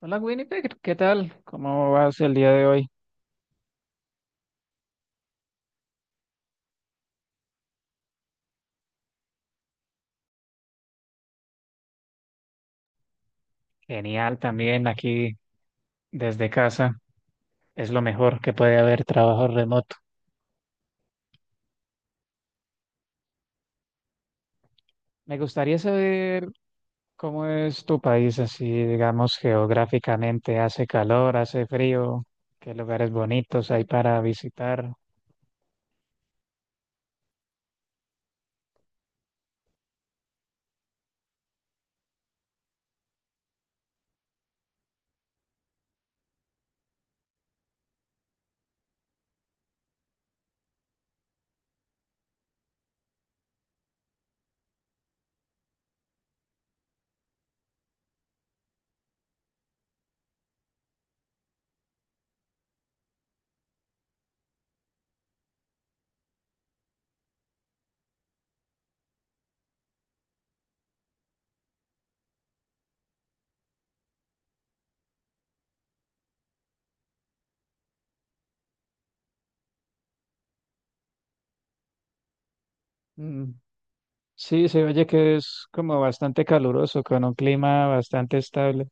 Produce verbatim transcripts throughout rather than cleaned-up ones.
Hola Winnipeg, ¿qué tal? ¿Cómo vas el día de hoy? Genial también aquí desde casa. Es lo mejor que puede haber, trabajo remoto. Me gustaría saber cómo es tu país así, digamos, geográficamente. ¿Hace calor, hace frío? ¿Qué lugares bonitos hay para visitar? Mm, Sí, se oye que es como bastante caluroso, con un clima bastante estable.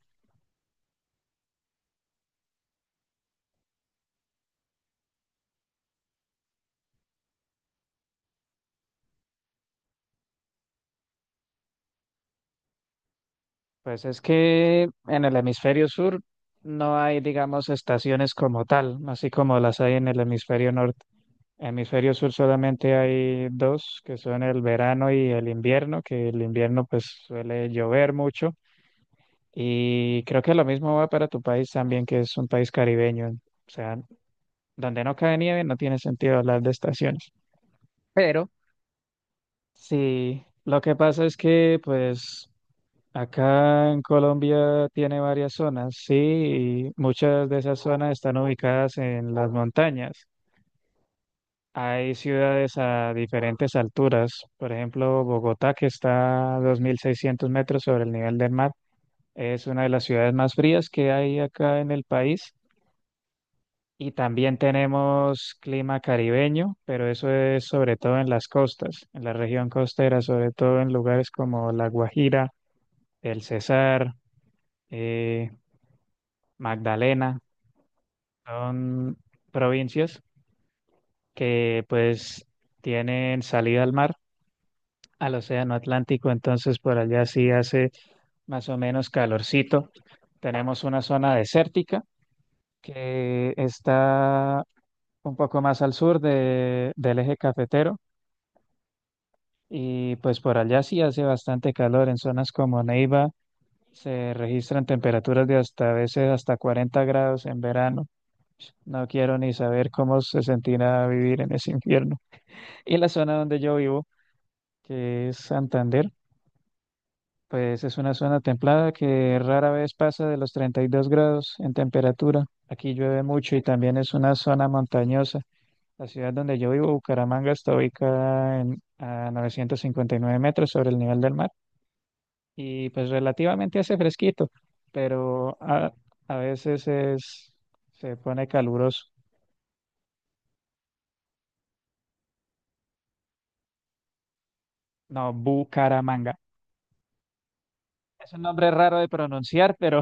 Pues es que en el hemisferio sur no hay, digamos, estaciones como tal, así como las hay en el hemisferio norte. Hemisferio sur solamente hay dos, que son el verano y el invierno, que el invierno pues suele llover mucho. Y creo que lo mismo va para tu país también, que es un país caribeño. O sea, donde no cae nieve no tiene sentido hablar de estaciones. Pero sí, lo que pasa es que pues acá en Colombia tiene varias zonas, sí, y muchas de esas zonas están ubicadas en las montañas. Hay ciudades a diferentes alturas, por ejemplo, Bogotá, que está a dos mil seiscientos metros sobre el nivel del mar, es una de las ciudades más frías que hay acá en el país. Y también tenemos clima caribeño, pero eso es sobre todo en las costas, en la región costera, sobre todo en lugares como La Guajira, El Cesar, eh, Magdalena. Son provincias que pues tienen salida al mar, al océano Atlántico, entonces por allá sí hace más o menos calorcito. Tenemos una zona desértica que está un poco más al sur de- del eje cafetero y pues por allá sí hace bastante calor. En zonas como Neiva se registran temperaturas de hasta, a veces, hasta cuarenta grados en verano. No quiero ni saber cómo se sentirá vivir en ese infierno. Y la zona donde yo vivo, que es Santander, pues es una zona templada que rara vez pasa de los treinta y dos grados en temperatura. Aquí llueve mucho y también es una zona montañosa. La ciudad donde yo vivo, Bucaramanga, está ubicada en, a novecientos cincuenta y nueve metros sobre el nivel del mar, y pues relativamente hace fresquito, pero a, a veces es, se pone caluroso. No, Bucaramanga. Es un nombre raro de pronunciar, pero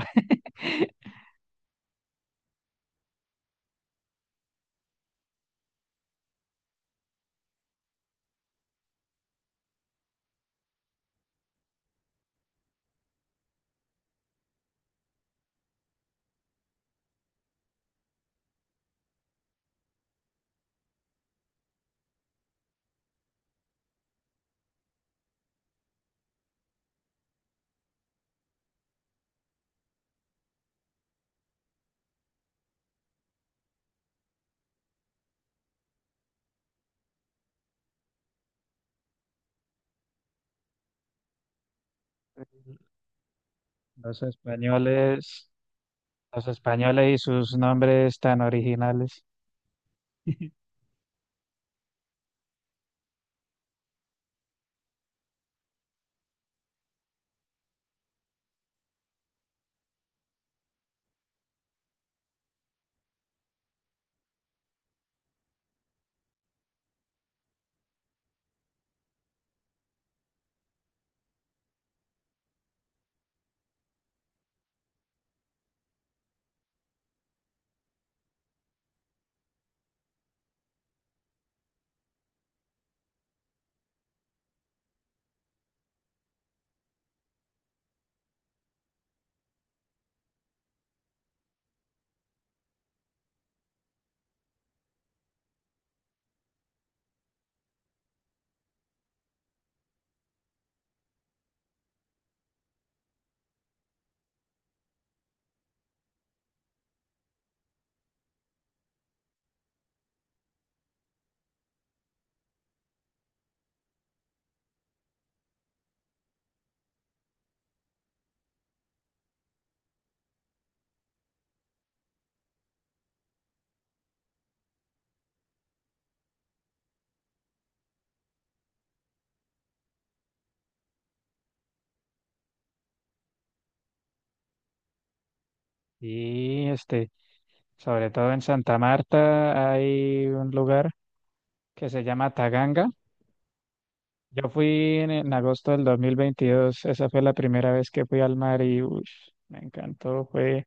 los españoles los españoles y sus nombres tan originales. Y este, sobre todo en Santa Marta hay un lugar que se llama Taganga. Yo fui en, en agosto del dos mil veintidós, esa fue la primera vez que fui al mar y ush, me encantó, fue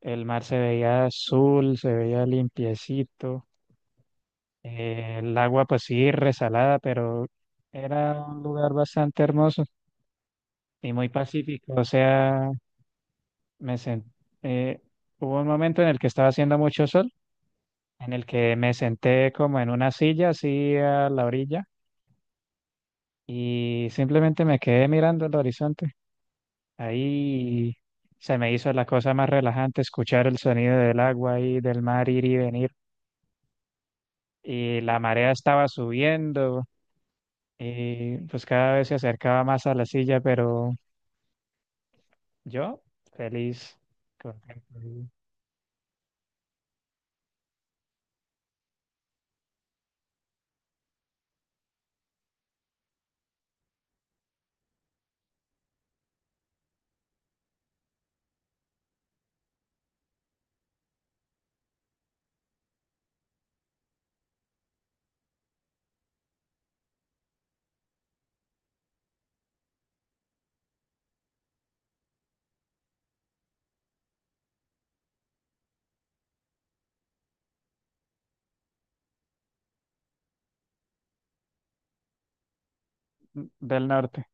el mar se veía azul, se veía limpiecito, eh, el agua pues sí resalada, pero era un lugar bastante hermoso y muy pacífico. O sea, me sen- eh, hubo un momento en el que estaba haciendo mucho sol, en el que me senté como en una silla así a la orilla y simplemente me quedé mirando el horizonte. Ahí se me hizo la cosa más relajante escuchar el sonido del agua y del mar ir y venir. Y la marea estaba subiendo y pues cada vez se acercaba más a la silla, pero yo feliz, contento. Del norte.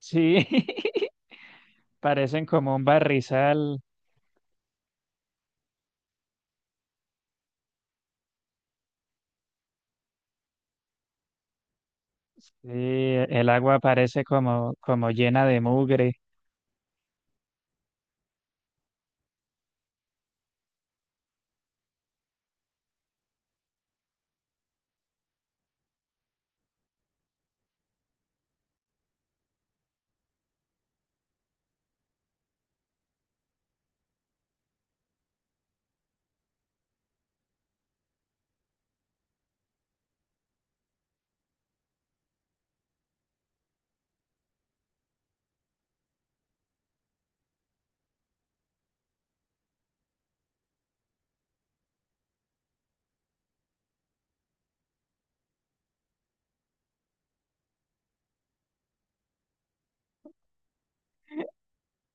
Sí, parecen como un barrizal. Sí, el agua parece como, como llena de mugre.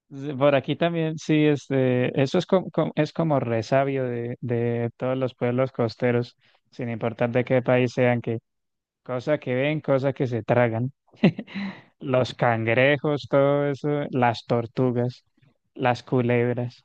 Sí, por aquí también, sí, este, eso es como, es como resabio de, de todos los pueblos costeros, sin importar de qué país sean, que cosa que ven, cosa que se tragan. Los cangrejos, todo eso, las tortugas, las culebras.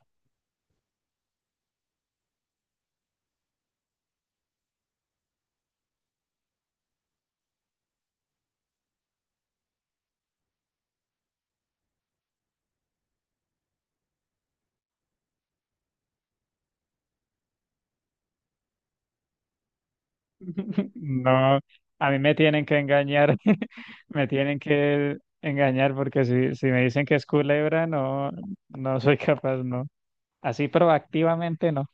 No, a mí me tienen que engañar, me tienen que engañar porque si, si me dicen que es culebra, no, no soy capaz, no. Así proactivamente no.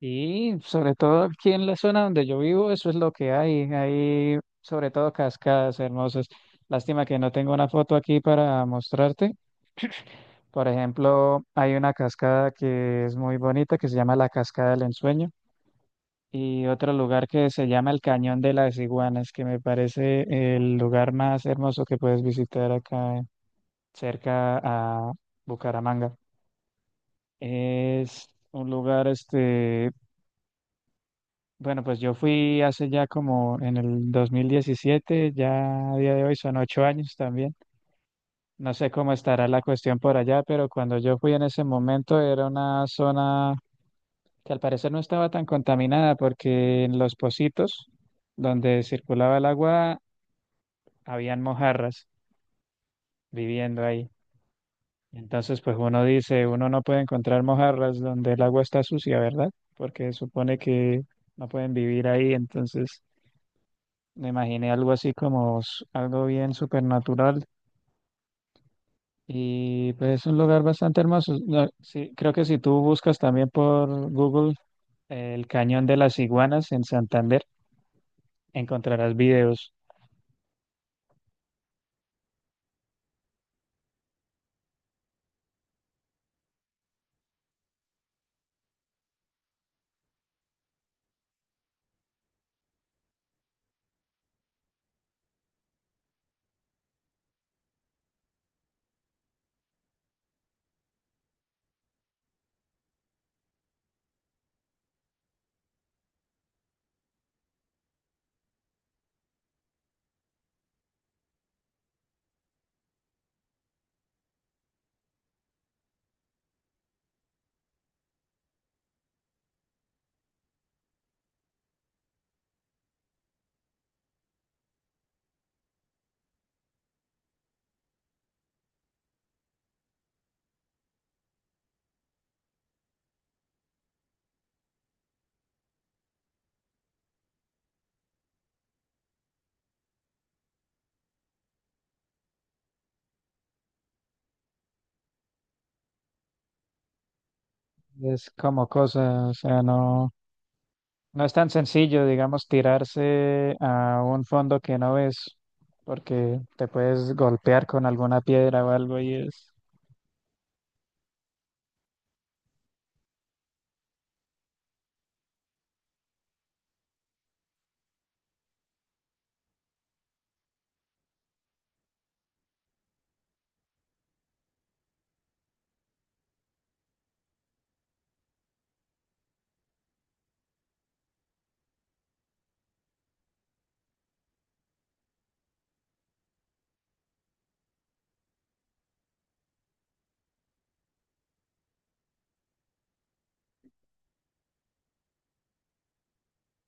Y sobre todo aquí en la zona donde yo vivo, eso es lo que hay. Hay sobre todo cascadas hermosas. Lástima que no tengo una foto aquí para mostrarte. Por ejemplo, hay una cascada que es muy bonita, que se llama la Cascada del Ensueño, y otro lugar que se llama el Cañón de las Iguanas, que me parece el lugar más hermoso que puedes visitar acá, eh, cerca a Bucaramanga. Es un lugar, este, bueno, pues yo fui hace ya como en el dos mil diecisiete, ya a día de hoy son ocho años también. No sé cómo estará la cuestión por allá, pero cuando yo fui en ese momento era una zona que al parecer no estaba tan contaminada porque en los pocitos donde circulaba el agua habían mojarras viviendo ahí. Entonces, pues uno dice, uno no puede encontrar mojarras donde el agua está sucia, ¿verdad? Porque supone que no pueden vivir ahí, entonces... me imaginé algo así como s- algo bien supernatural. Y pues es un lugar bastante hermoso. No, sí, creo que si tú buscas también por Google eh, el Cañón de las Iguanas en Santander, encontrarás videos. Es como cosa, o sea, no, no es tan sencillo, digamos, tirarse a un fondo que no ves, porque te puedes golpear con alguna piedra o algo y es...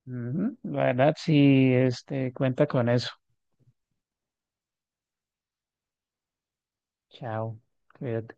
Ujú, la verdad, sí, este, cuenta con eso. Chao, cuídate.